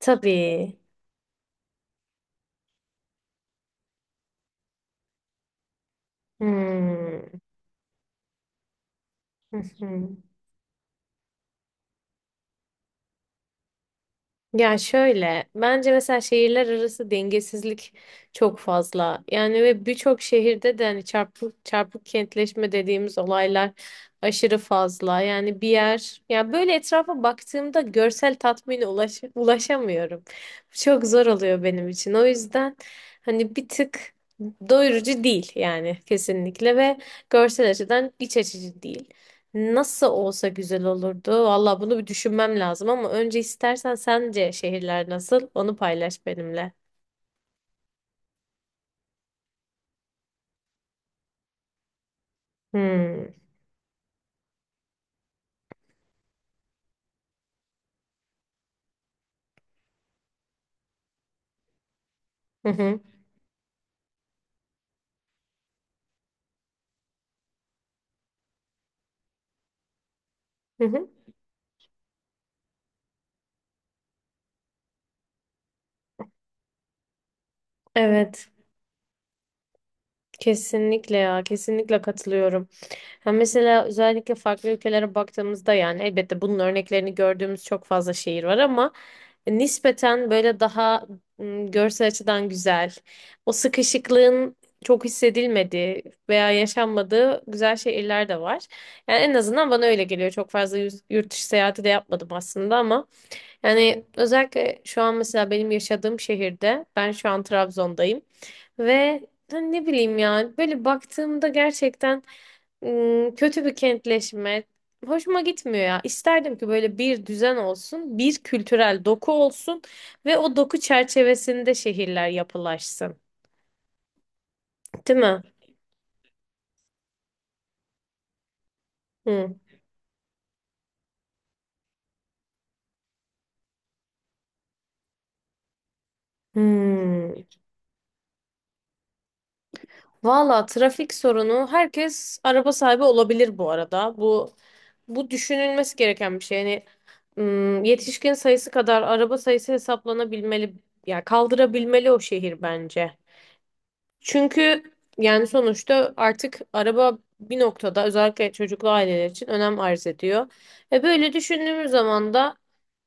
Tabii. Hmm. Hı hı. Ya şöyle, bence mesela şehirler arası dengesizlik çok fazla. Yani ve birçok şehirde de hani çarpık çarpık kentleşme dediğimiz olaylar aşırı fazla. Yani bir yer, ya böyle etrafa baktığımda görsel tatmine ulaşamıyorum. Çok zor oluyor benim için. O yüzden hani bir tık doyurucu değil yani kesinlikle ve görsel açıdan iç açıcı değil. Nasıl olsa güzel olurdu. Valla bunu bir düşünmem lazım ama önce istersen sence şehirler nasıl? Onu paylaş benimle. Hmm. Hı hı. Hı hı. Evet. Kesinlikle ya. Kesinlikle katılıyorum. Ha mesela özellikle farklı ülkelere baktığımızda yani elbette bunun örneklerini gördüğümüz çok fazla şehir var ama nispeten böyle daha görsel açıdan güzel, o sıkışıklığın çok hissedilmediği veya yaşanmadığı güzel şehirler de var. Yani en azından bana öyle geliyor. Çok fazla yurt dışı seyahati de yapmadım aslında ama yani özellikle şu an mesela benim yaşadığım şehirde ben şu an Trabzon'dayım ve hani ne bileyim yani böyle baktığımda gerçekten kötü bir kentleşme. Hoşuma gitmiyor ya. İsterdim ki böyle bir düzen olsun, bir kültürel doku olsun ve o doku çerçevesinde şehirler yapılaşsın. Değil mi? Hı. Hmm. Valla trafik sorunu herkes araba sahibi olabilir bu arada. Bu düşünülmesi gereken bir şey. Yani yetişkin sayısı kadar araba sayısı hesaplanabilmeli. Ya kaldırabilmeli o şehir bence. Çünkü yani sonuçta artık araba bir noktada özellikle çocuklu aileler için önem arz ediyor. Ve böyle düşündüğümüz zaman da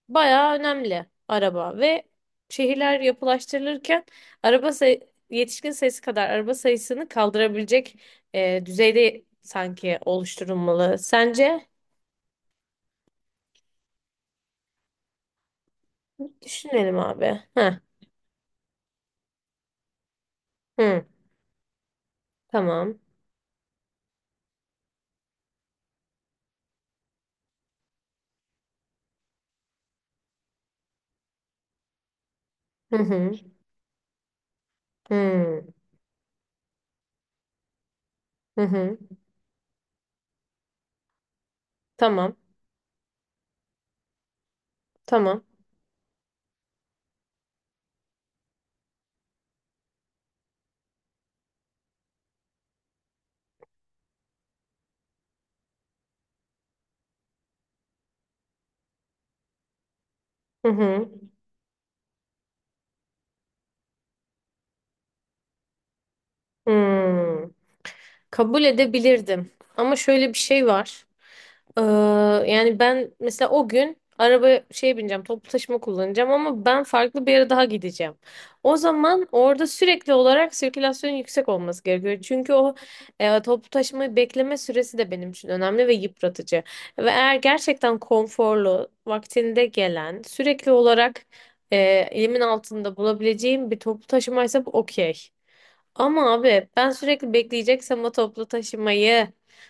bayağı önemli araba ve şehirler yapılaştırılırken araba say- yetişkin sayısı kadar araba sayısını kaldırabilecek düzeyde sanki oluşturulmalı. Sence? Düşünelim abi. Heh. Hı. Tamam. Hı hı. Hı. Hı hı. Tamam. Tamam. Hı hı. Hı. Kabul edebilirdim. Ama şöyle bir şey var. Ee, yani ben mesela o gün araba şey bineceğim, toplu taşıma kullanacağım ama ben farklı bir yere daha gideceğim. O zaman orada sürekli olarak sirkülasyon yüksek olması gerekiyor. Çünkü o toplu taşımayı bekleme süresi de benim için önemli ve yıpratıcı. Ve eğer gerçekten konforlu, vaktinde gelen, sürekli olarak e, elimin altında bulabileceğim bir toplu taşımaysa bu okey. Ama abi ben sürekli bekleyeceksem o toplu taşımayı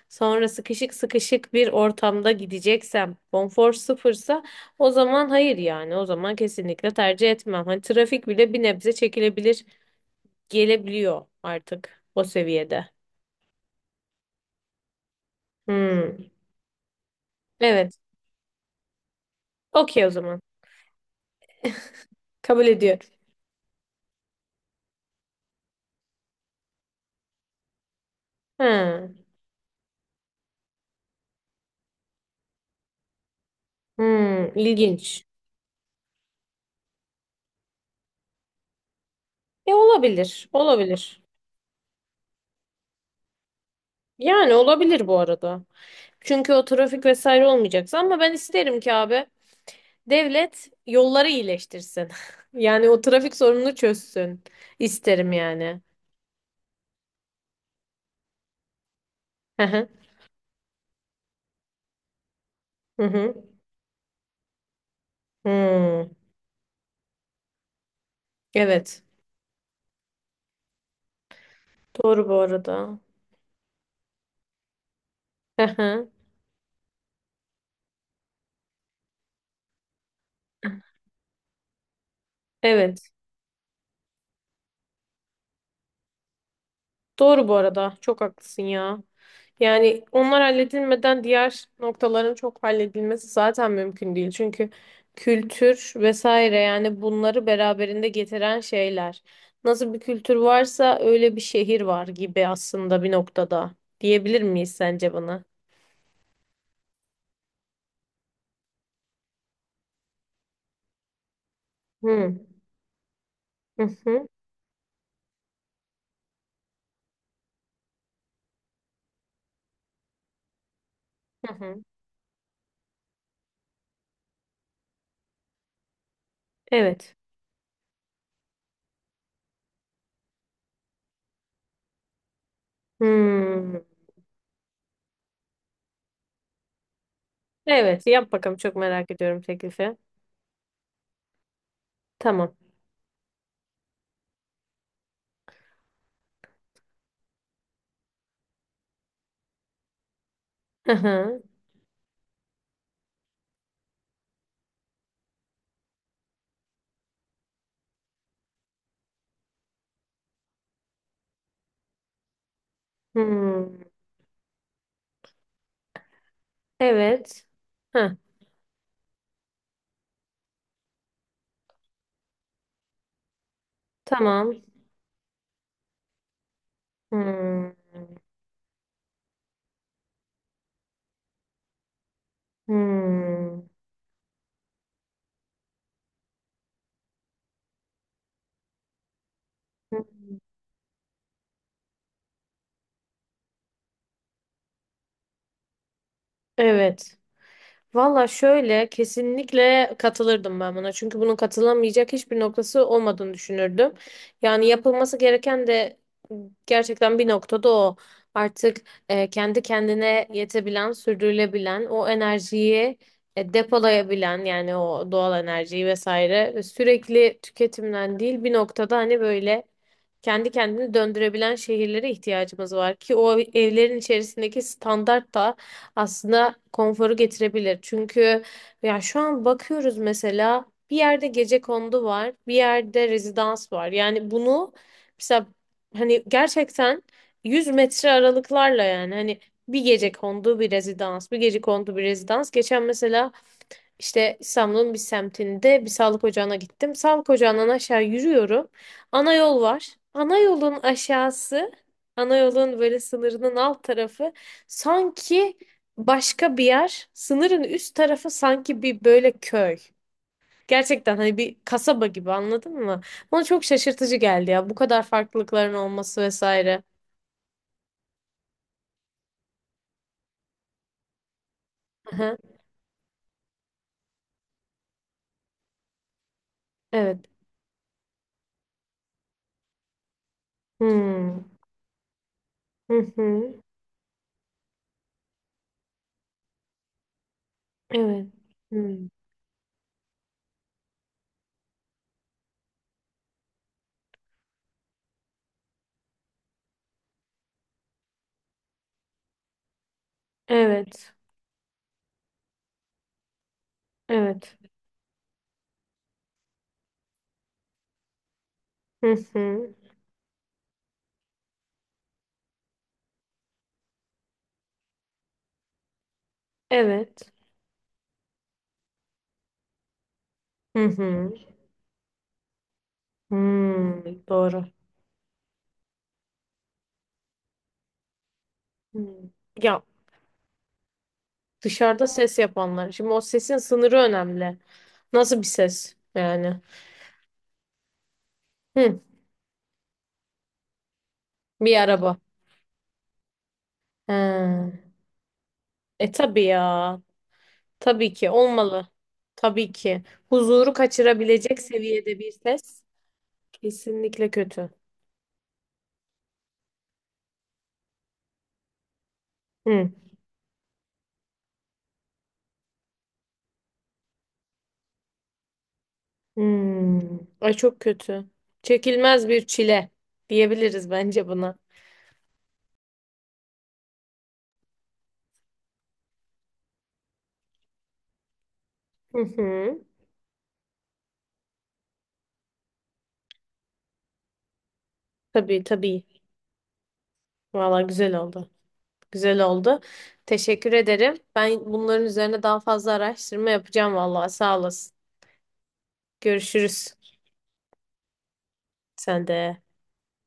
sonra sıkışık sıkışık bir ortamda gideceksem konfor sıfırsa o zaman hayır yani o zaman kesinlikle tercih etmem. Hani trafik bile bir nebze çekilebilir gelebiliyor artık o seviyede. Hmm. Evet. Okey o zaman. Kabul ediyorum. Ha. Hmm. İlginç. E olabilir. Olabilir. Yani olabilir bu arada. Çünkü o trafik vesaire olmayacaksa ama ben isterim ki abi. Devlet yolları iyileştirsin. Yani o trafik sorununu çözsün. İsterim yani. Hı hı. Hı hı. Hmm. Evet. Doğru bu arada. Hı hı. Evet. Doğru bu arada. Çok haklısın ya. Yani onlar halledilmeden diğer noktaların çok halledilmesi zaten mümkün değil. Çünkü kültür vesaire yani bunları beraberinde getiren şeyler. Nasıl bir kültür varsa öyle bir şehir var gibi aslında bir noktada. Diyebilir miyiz sence bana? Hı. Hı hı. Hı hı. Evet. Hmm. Evet, yap bakalım çok merak ediyorum teklifi. Tamam. Hı hı. Hmm. Evet. Heh. Tamam. Hmm, hmm, hmm. Evet. Valla şöyle kesinlikle katılırdım ben buna. Çünkü bunun katılamayacak hiçbir noktası olmadığını düşünürdüm. Yani yapılması gereken de gerçekten bir noktada o. Artık kendi kendine yetebilen, sürdürülebilen, o enerjiyi depolayabilen yani o doğal enerjiyi vesaire sürekli tüketimden değil bir noktada hani böyle kendi kendini döndürebilen şehirlere ihtiyacımız var ki o evlerin içerisindeki standart da aslında konforu getirebilir. Çünkü ya şu an bakıyoruz mesela bir yerde gecekondu var, bir yerde rezidans var. Yani bunu mesela hani gerçekten 100 metre aralıklarla yani hani bir gecekondu bir rezidans, bir gecekondu bir rezidans. Geçen mesela işte İstanbul'un bir semtinde bir sağlık ocağına gittim. Sağlık ocağından aşağı yürüyorum. Ana yol var. Ana yolun aşağısı, ana yolun böyle sınırının alt tarafı sanki başka bir yer. Sınırın üst tarafı sanki bir böyle köy. Gerçekten hani bir kasaba gibi anladın mı? Bana çok şaşırtıcı geldi ya bu kadar farklılıkların olması vesaire. Aha, evet. Hmm. Hı hı. Evet. Hmm. Evet. Evet. Hı hı. Evet. Hı hı. Hmm, doğru. Hmm. Ya dışarıda ses yapanlar. Şimdi o sesin sınırı önemli. Nasıl bir ses yani? Hı, bir araba. He. E tabii ya. Tabii ki olmalı. Tabii ki. Huzuru kaçırabilecek seviyede bir ses kesinlikle kötü. Hı. Hmm. Ay çok kötü. Çekilmez bir çile diyebiliriz bence buna. Hı hı. Tabii tabii. Valla güzel oldu. Güzel oldu. Teşekkür ederim. Ben bunların üzerine daha fazla araştırma yapacağım vallahi. Sağ olasın. Görüşürüz. Sen de.